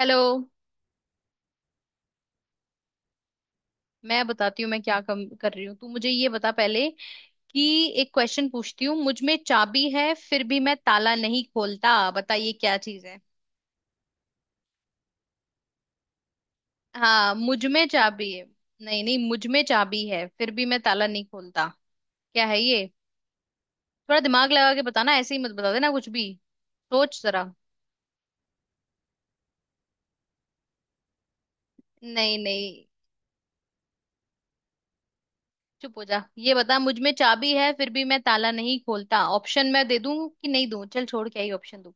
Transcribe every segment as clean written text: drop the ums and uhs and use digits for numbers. Hello. मैं बताती हूँ मैं क्या कम कर रही हूँ, तू मुझे ये बता पहले कि एक क्वेश्चन पूछती हूँ। मुझ में चाबी है फिर भी मैं ताला नहीं खोलता, बताइए क्या चीज है। हाँ, मुझ में चाबी है। नहीं नहीं, मुझ में चाबी है फिर भी मैं ताला नहीं खोलता। क्या है ये? थोड़ा दिमाग लगा के बताना, ऐसे ही मत बता देना कुछ भी। सोच जरा। नहीं नहीं। चुप हो जा, ये बता मुझ में चाबी है फिर भी मैं ताला नहीं खोलता। ऑप्शन मैं दे दूँ कि नहीं दूँ? चल छोड़, क्या ही ऑप्शन दूँ।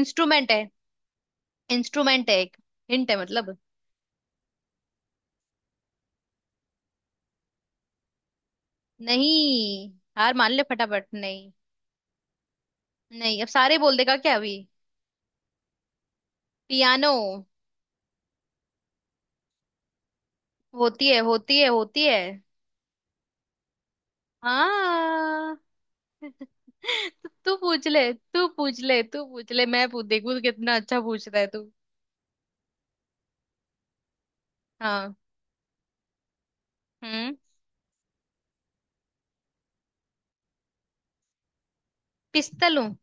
इंस्ट्रूमेंट है। इंस्ट्रूमेंट है एक। हिंट है मतलब। नहीं। हार मान ले फटाफट। नहीं। नहीं अब सारे बोल देगा क्या अभी। पियानो। होती है होती है होती है। हाँ तो। तू पूछ ले तू पूछ ले तू पूछ ले, मैं पूछ देखू कितना अच्छा पूछ रहा है तू। हाँ। हम्म। पिस्तल हूँ।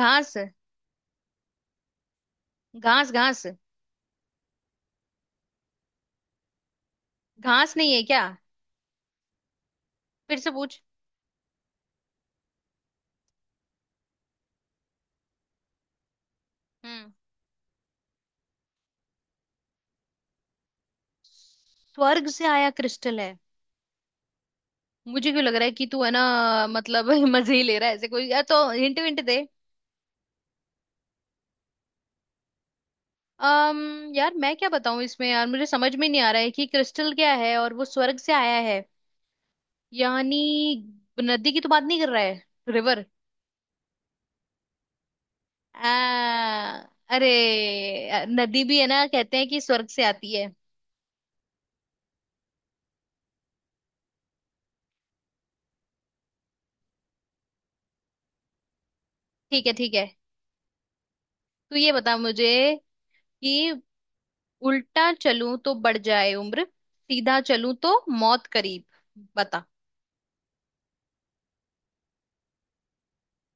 घास। घास घास। घास नहीं है क्या? फिर से पूछ। हम्म। स्वर्ग से आया क्रिस्टल है। मुझे क्यों लग रहा है कि तू है ना, मतलब मजे ही ले रहा है, ऐसे कोई या तो हिंट विंट दे। अम यार मैं क्या बताऊं इसमें, यार मुझे समझ में नहीं आ रहा है कि क्रिस्टल क्या है और वो स्वर्ग से आया है यानी। नदी की तो बात नहीं कर रहा है? रिवर। आ, अरे नदी भी है ना, कहते हैं कि स्वर्ग से आती है। ठीक है ठीक है। तू ये बता मुझे कि उल्टा चलूं तो बढ़ जाए उम्र, सीधा चलूं तो मौत करीब। बता।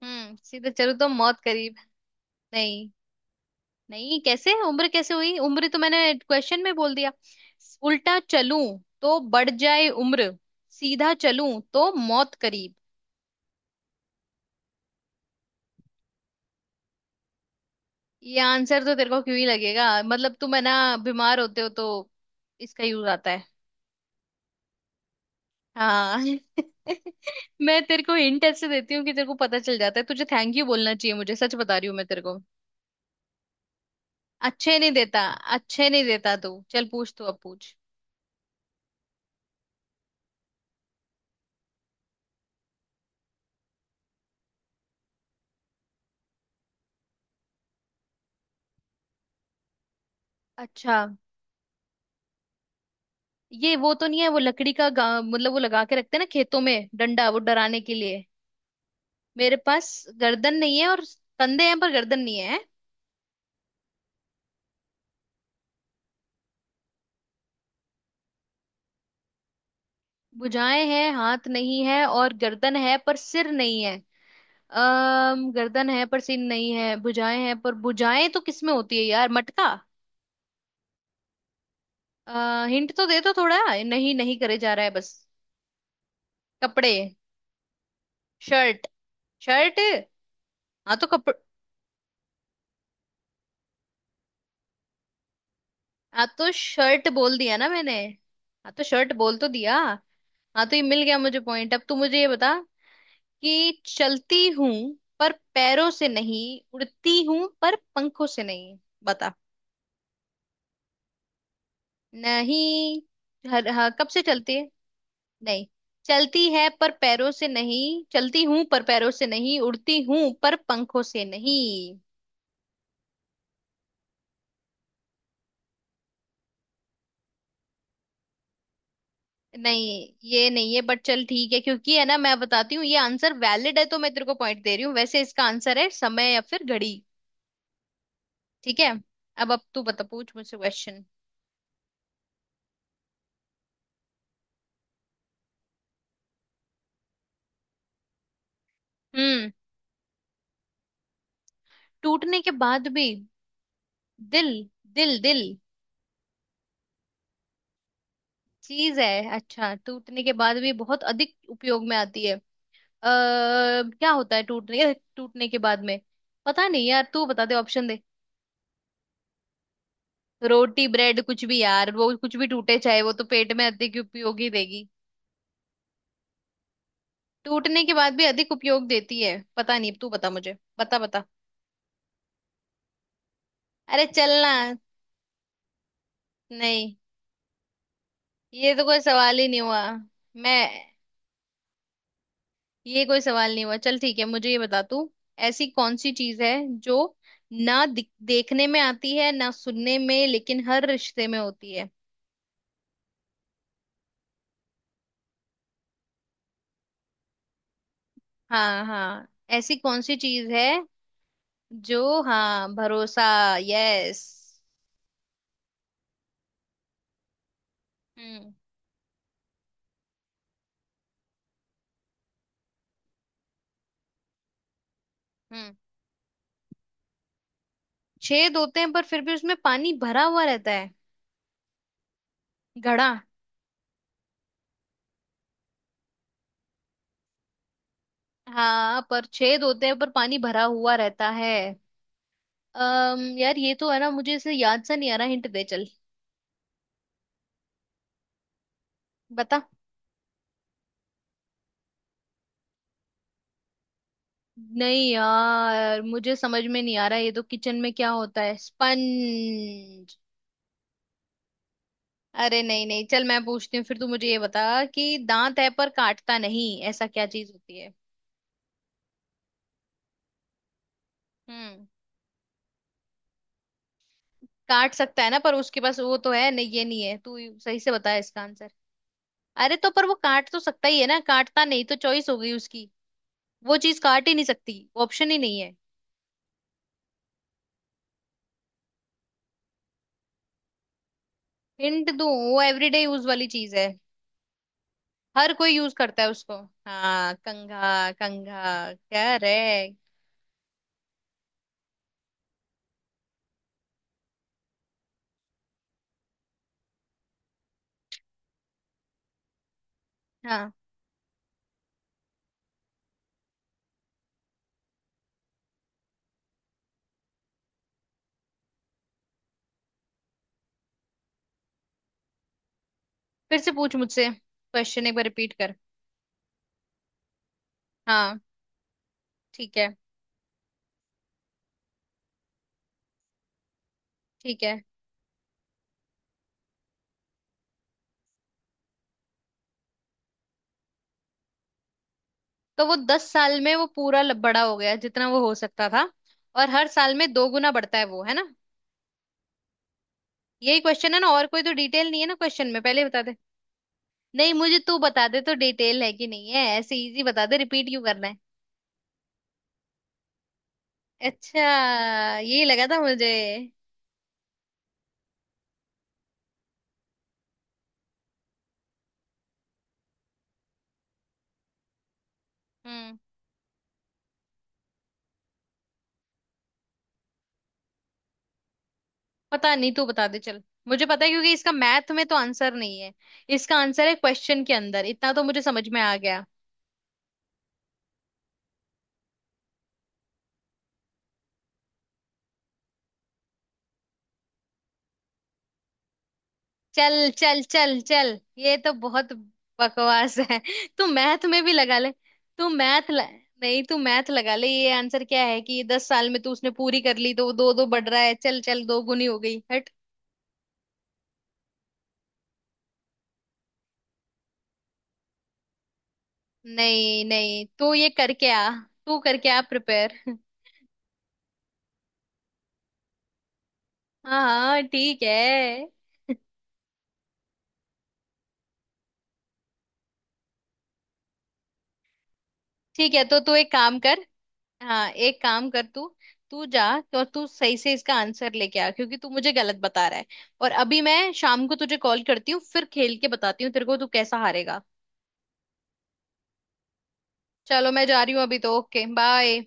हम्म। सीधा चलूं तो मौत करीब। नहीं। नहीं कैसे उम्र, कैसे हुई उम्र तो मैंने क्वेश्चन में बोल दिया। उल्टा चलूं तो बढ़ जाए उम्र, सीधा चलूं तो मौत करीब। ये आंसर तो तेरे को क्यों ही लगेगा, मतलब तुम है ना बीमार होते हो तो इसका यूज आता है। हाँ। मैं तेरे को हिंट ऐसे देती हूँ कि तेरे को पता चल जाता है, तुझे थैंक यू बोलना चाहिए मुझे, सच बता रही हूँ मैं तेरे को। अच्छे नहीं देता। अच्छे नहीं देता, तू चल पूछ, तू अब पूछ। अच्छा। ये वो तो नहीं है, वो लकड़ी का मतलब वो लगा के रखते हैं ना खेतों में डंडा वो डराने के लिए। मेरे पास गर्दन नहीं है और कंधे हैं पर गर्दन नहीं है। भुजाएं हैं हाथ नहीं है और गर्दन है पर सिर नहीं है। अम गर्दन है पर सिर नहीं है, भुजाएं हैं पर भुजाएं तो किसमें होती है यार? मटका। हिंट तो दे दो थोड़ा। नहीं नहीं करे जा रहा है बस। कपड़े। शर्ट। शर्ट। हाँ तो कपड़। हाँ तो शर्ट बोल दिया ना मैंने। हाँ तो शर्ट बोल तो दिया। हाँ तो ये मिल गया मुझे पॉइंट, अब तू मुझे ये बता कि चलती हूँ पर पैरों से नहीं, उड़ती हूँ पर पंखों से नहीं। बता। नहीं। हाँ, कब से चलती है। नहीं। चलती है पर पैरों से नहीं, चलती हूँ पर पैरों से नहीं उड़ती हूँ पर पंखों से नहीं। नहीं ये नहीं है बट चल ठीक है, क्योंकि है ना मैं बताती हूँ ये आंसर वैलिड है तो मैं तेरे को पॉइंट दे रही हूँ, वैसे इसका आंसर है समय या फिर घड़ी। ठीक है। अब तू बता, पूछ मुझसे क्वेश्चन। हम्म। टूटने के बाद भी। दिल। दिल दिल। चीज है। अच्छा टूटने के बाद भी बहुत अधिक उपयोग में आती है। क्या होता है टूटने टूटने के बाद में? पता नहीं यार, तू बता दे, ऑप्शन दे। रोटी ब्रेड कुछ भी यार, वो कुछ भी टूटे चाहे वो तो पेट में अधिक उपयोग ही देगी। टूटने के बाद भी अधिक उपयोग देती है, पता नहीं, तू बता मुझे, बता बता। अरे चलना। नहीं ये तो कोई सवाल ही नहीं हुआ। मैं, ये कोई सवाल नहीं हुआ, चल ठीक है मुझे ये बता तू ऐसी कौन सी चीज है जो ना देखने में आती है ना सुनने में, लेकिन हर रिश्ते में होती है। हाँ हाँ, ऐसी कौन सी चीज है जो? हाँ, भरोसा। यस। हम्म। हम्म। छेद होते हैं पर फिर भी उसमें पानी भरा हुआ रहता है। घड़ा। हाँ पर छेद होते हैं पर पानी भरा हुआ रहता है। अम यार ये तो है ना, मुझे इसे याद सा नहीं आ रहा, हिंट दे चल। बता। नहीं यार मुझे समझ में नहीं आ रहा, ये तो किचन में क्या होता है स्पंज। अरे नहीं नहीं, चल मैं पूछती हूँ फिर, तू मुझे ये बता कि दांत है पर काटता नहीं, ऐसा क्या चीज होती है। हम्म। काट सकता है ना पर उसके पास वो तो है नहीं, ये नहीं है, तू ही सही से बता इसका आंसर। अरे तो पर वो काट तो सकता ही है ना, काटता नहीं तो चॉइस हो गई उसकी। वो चीज काट ही नहीं सकती, ऑप्शन ही नहीं है। हिंट दूं, वो एवरीडे यूज वाली चीज है, हर कोई यूज करता है उसको। हाँ, कंघा। कंघा क्या रे? हाँ। फिर से पूछ मुझसे क्वेश्चन, एक बार रिपीट कर। हाँ। ठीक है। ठीक है, तो वो दस साल में वो पूरा बड़ा हो गया जितना वो हो सकता था। और हर साल में दो गुना बढ़ता है वो है ना? यही क्वेश्चन है ना, और कोई तो डिटेल नहीं है ना क्वेश्चन में पहले ही बता दे। नहीं मुझे तू बता दे तो डिटेल है कि नहीं है, ऐसे इजी बता दे, रिपीट क्यों करना है। अच्छा, यही लगा था मुझे। हम्म। पता नहीं, तू बता दे चल। मुझे पता है क्योंकि इसका मैथ में तो आंसर नहीं है, इसका आंसर है क्वेश्चन के अंदर, इतना तो मुझे समझ में आ गया। चल चल चल चल ये तो बहुत बकवास है। तू मैथ में भी लगा ले। तू मैथ ल... नहीं तू मैथ लगा ले, ये आंसर क्या है कि दस साल में तू उसने पूरी कर ली तो वो दो दो बढ़ रहा है, चल चल दो गुनी हो गई हट। नहीं नहीं तू ये करके आ। तू करके आ प्रिपेयर हाँ हाँ ठीक है। ठीक है, तो तू एक काम कर। हाँ एक काम कर तू, तू जा, तो तू सही से इसका आंसर लेके आ, क्योंकि तू मुझे गलत बता रहा है, और अभी मैं शाम को तुझे कॉल करती हूँ फिर खेल के बताती हूँ तेरे को तू कैसा हारेगा। चलो मैं जा रही हूँ अभी तो, ओके बाय।